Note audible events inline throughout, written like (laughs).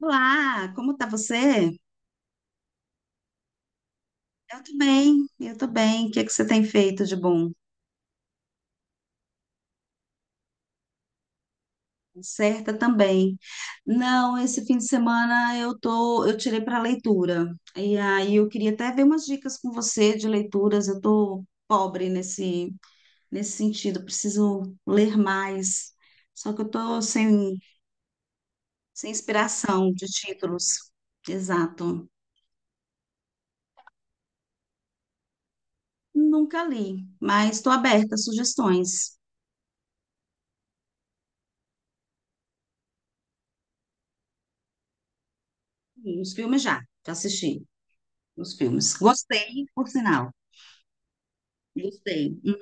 Olá, como tá você? Eu tô bem, eu tô bem. O que é que você tem feito de bom? Certa também. Não, esse fim de semana eu tirei para leitura. E aí eu queria até ver umas dicas com você de leituras. Eu tô pobre nesse sentido, preciso ler mais. Só que eu tô sem inspiração de títulos. Exato. Nunca li, mas estou aberta a sugestões. Os filmes já assisti. Os filmes. Gostei, por sinal. Gostei. Não,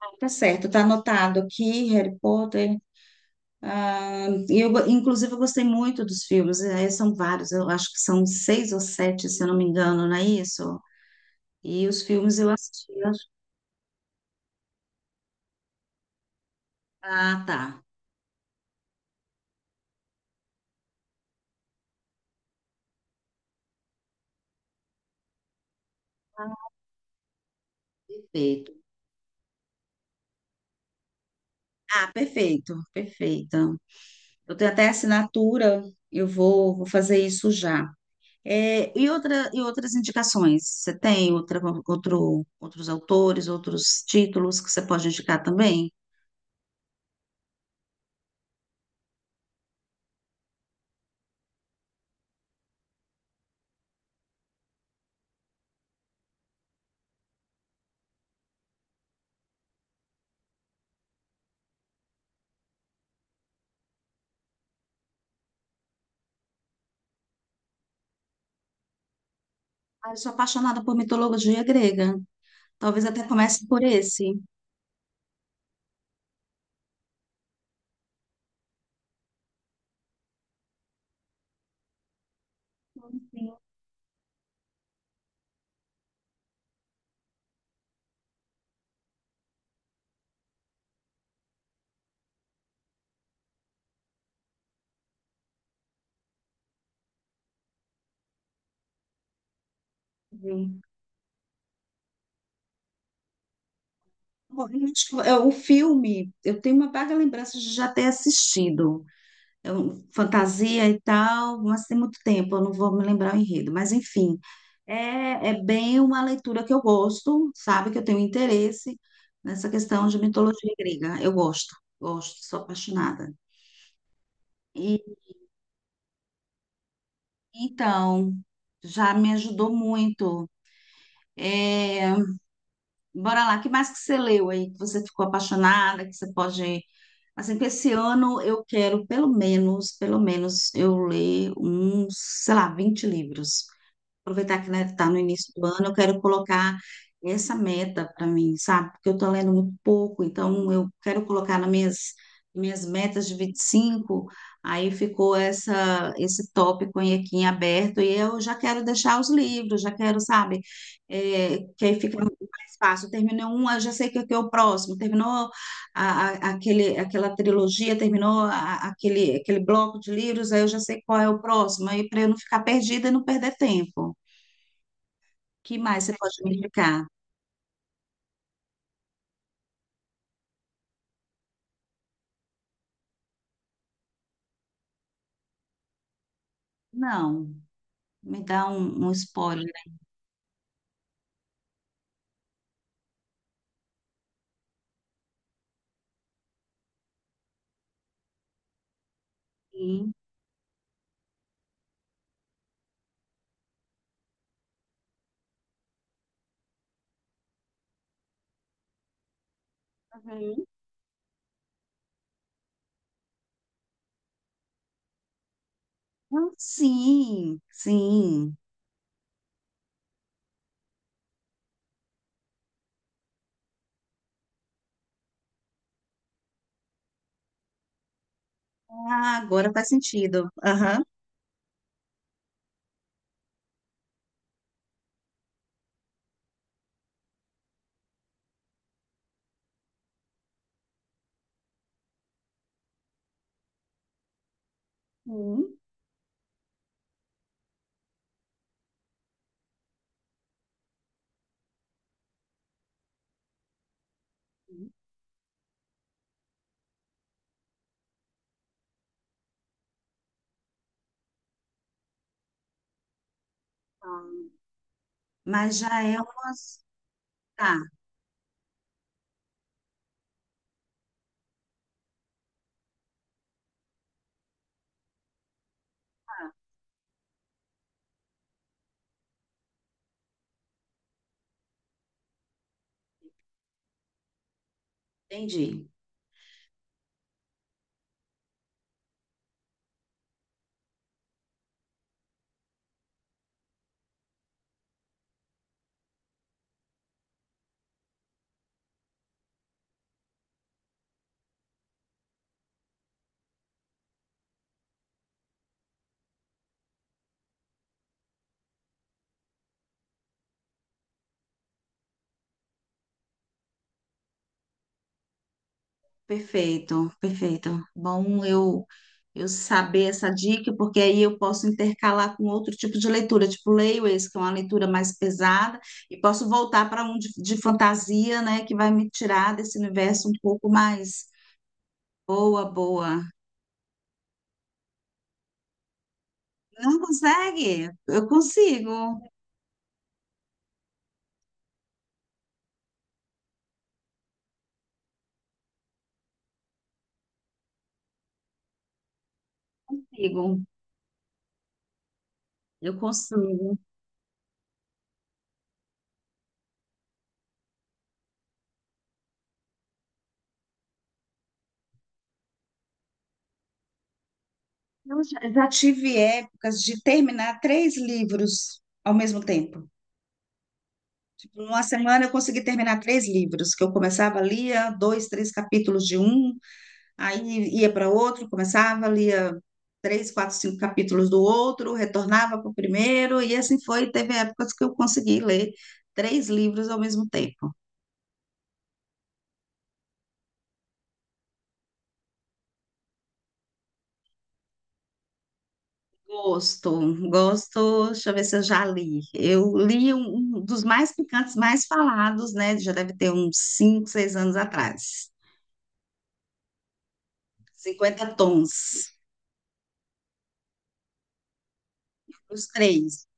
não, tá certo, tá anotado aqui, Harry Potter. Ah, e inclusive, eu gostei muito dos filmes. São vários, eu acho que são seis ou sete, se eu não me engano, não é isso? E os filmes eu assisti. Ah, tá. Perfeito. Ah, perfeito, perfeito. Eu tenho até assinatura, eu vou fazer isso já. É, e outras indicações? Você tem outros autores, outros títulos que você pode indicar também? Ah, eu sou apaixonada por mitologia grega. Talvez até comece por esse. Entendi. Bom, eu acho que, o filme, eu tenho uma vaga lembrança de já ter assistido. Fantasia e tal, mas tem muito tempo, eu não vou me lembrar o enredo. Mas, enfim, é bem uma leitura que eu gosto, sabe? Que eu tenho interesse nessa questão de mitologia grega. Eu gosto, gosto, sou apaixonada. E, então, já me ajudou muito. É, bora lá, que mais que você leu aí, que você ficou apaixonada, que você pode... Assim, que esse ano eu quero, pelo menos, eu ler uns, sei lá, 20 livros. Aproveitar que, né, tá no início do ano, eu quero colocar essa meta para mim, sabe? Porque eu tô lendo muito pouco, então eu quero colocar nas minhas metas de 25. Aí ficou esse tópico aí aqui em aberto, e eu já quero deixar os livros, já quero, sabe? É, que aí fica mais fácil. Terminou um, eu já sei que aqui é o próximo. Terminou aquela trilogia, terminou aquele bloco de livros, aí eu já sei qual é o próximo, aí para eu não ficar perdida e não perder tempo. Que mais você pode me indicar? Não, me dá um spoiler aí. Uhum. Ah, sim, sim. Ah, agora faz sentido. Aham. Sim. Mas já é umas. Tá, entendi. Perfeito, perfeito. Bom, eu saber essa dica, porque aí eu posso intercalar com outro tipo de leitura, tipo leio esse, que é uma leitura mais pesada, e posso voltar para um de fantasia, né, que vai me tirar desse universo um pouco mais. Boa, boa. Não consegue? Eu consigo, consigo. Eu consigo. Eu já tive épocas de terminar três livros ao mesmo tempo. Tipo, uma semana eu consegui terminar três livros, que eu começava, lia dois, três capítulos de um, aí ia para outro, começava, lia três, quatro, cinco capítulos do outro, retornava para o primeiro, e assim foi. Teve épocas que eu consegui ler três livros ao mesmo tempo. Gosto, gosto, deixa eu ver se eu já li. Eu li um dos mais picantes, mais falados, né? Já deve ter uns 5, 6 anos atrás. Cinquenta tons, os três.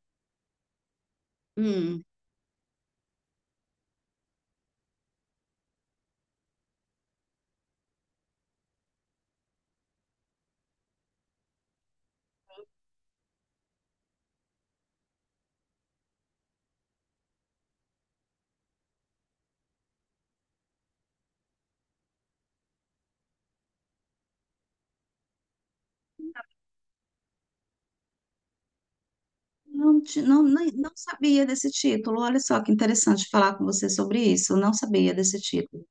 Hum. Não, não sabia desse título. Olha só que interessante falar com você sobre isso. Não sabia desse título.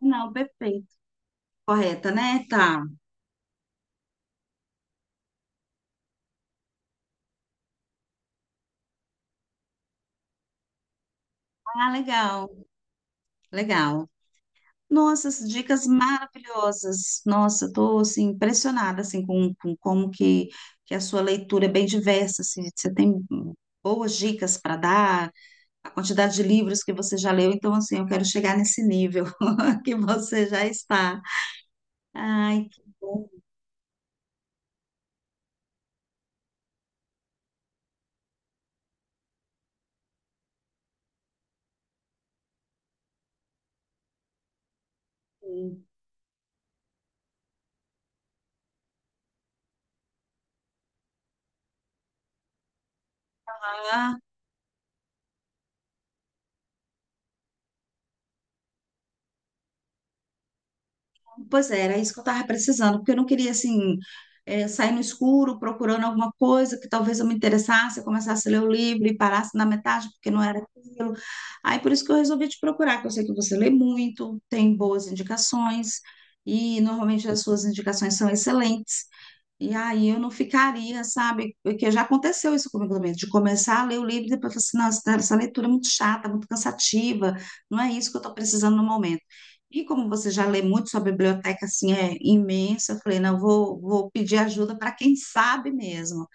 Não, perfeito. Correta, né? Tá. Ah, legal, legal. Nossa, as dicas maravilhosas. Nossa, estou assim, impressionada assim, com como que a sua leitura é bem diversa. Assim, você tem boas dicas para dar, a quantidade de livros que você já leu. Então, assim, eu quero chegar nesse nível (laughs) que você já está. Ai, que bom. Ah, pois é, era isso que eu estava precisando, porque eu não queria, assim, sair no escuro procurando alguma coisa que talvez eu me interessasse, eu começasse a ler o livro e parasse na metade, porque não era aquilo. Aí, por isso que eu resolvi te procurar, que eu sei que você lê muito, tem boas indicações, e normalmente as suas indicações são excelentes. E aí eu não ficaria, sabe? Porque já aconteceu isso comigo também, de começar a ler o livro e depois falar assim, nossa, essa leitura é muito chata, muito cansativa, não é isso que eu estou precisando no momento. E como você já lê muito, sua biblioteca assim é imensa, eu falei, não, eu vou pedir ajuda para quem sabe mesmo.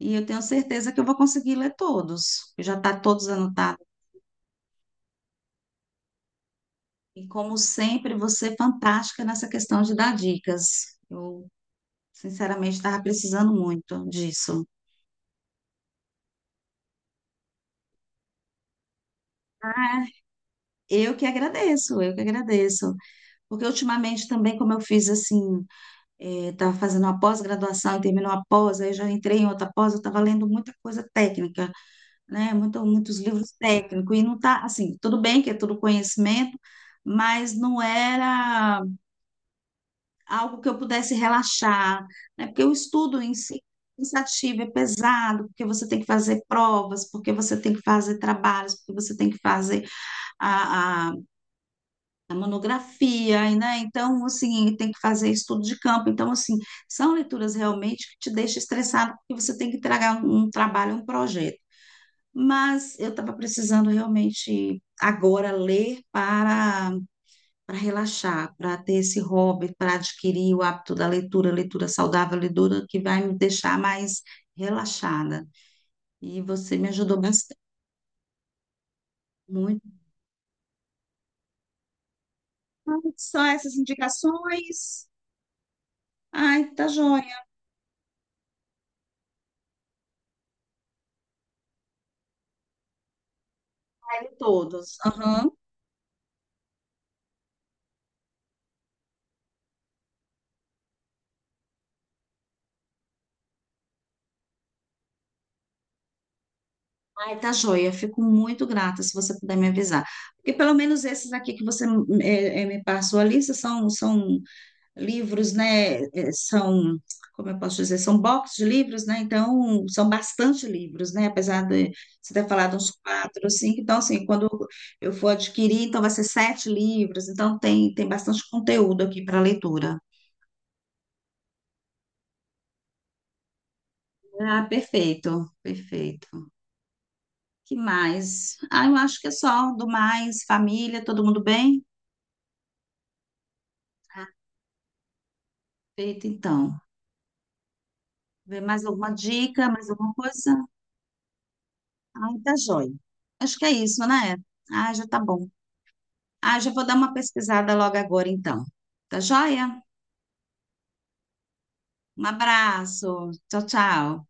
E eu tenho certeza que eu vou conseguir ler todos, já está todos anotados. E como sempre, você é fantástica nessa questão de dar dicas. Eu, sinceramente, estava precisando muito disso. Eu que agradeço, eu que agradeço. Porque ultimamente também, como eu fiz assim, estava fazendo uma pós-graduação e terminou a pós, aí já entrei em outra pós, eu estava lendo muita coisa técnica, né? Muitos livros técnicos, e não tá assim, tudo bem que é tudo conhecimento, mas não era algo que eu pudesse relaxar, né? Porque o estudo em si é cansativo, é pesado, porque você tem que fazer provas, porque você tem que fazer trabalhos, porque você tem que fazer a monografia, e, né? Então, assim, tem que fazer estudo de campo. Então, assim, são leituras realmente que te deixam estressado, porque você tem que entregar um trabalho, um projeto. Mas eu estava precisando realmente agora ler para relaxar, para ter esse hobby, para adquirir o hábito da leitura, leitura saudável, leitura que vai me deixar mais relaxada. E você me ajudou bastante. Muito. São essas indicações. Ai, tá joia. Leio todos. Aham. Ai, tá joia. Fico muito grata se você puder me avisar. Porque pelo menos esses aqui que você me passou a lista são livros, né? Eh, são, como eu posso dizer, são boxes de livros, né? Então, são bastante livros, né? Apesar de você ter falado uns quatro, cinco. Então, assim, quando eu for adquirir, então vai ser sete livros. Então, tem bastante conteúdo aqui para leitura. Ah, perfeito, perfeito. Que mais? Ah, eu acho que é só do mais, família, todo mundo bem? Perfeito, então. Vê mais alguma dica, mais alguma coisa? Ai, tá joia. Acho que é isso, né? Ah, já tá bom. Ah, já vou dar uma pesquisada logo agora, então. Tá joia? Um abraço. Tchau, tchau.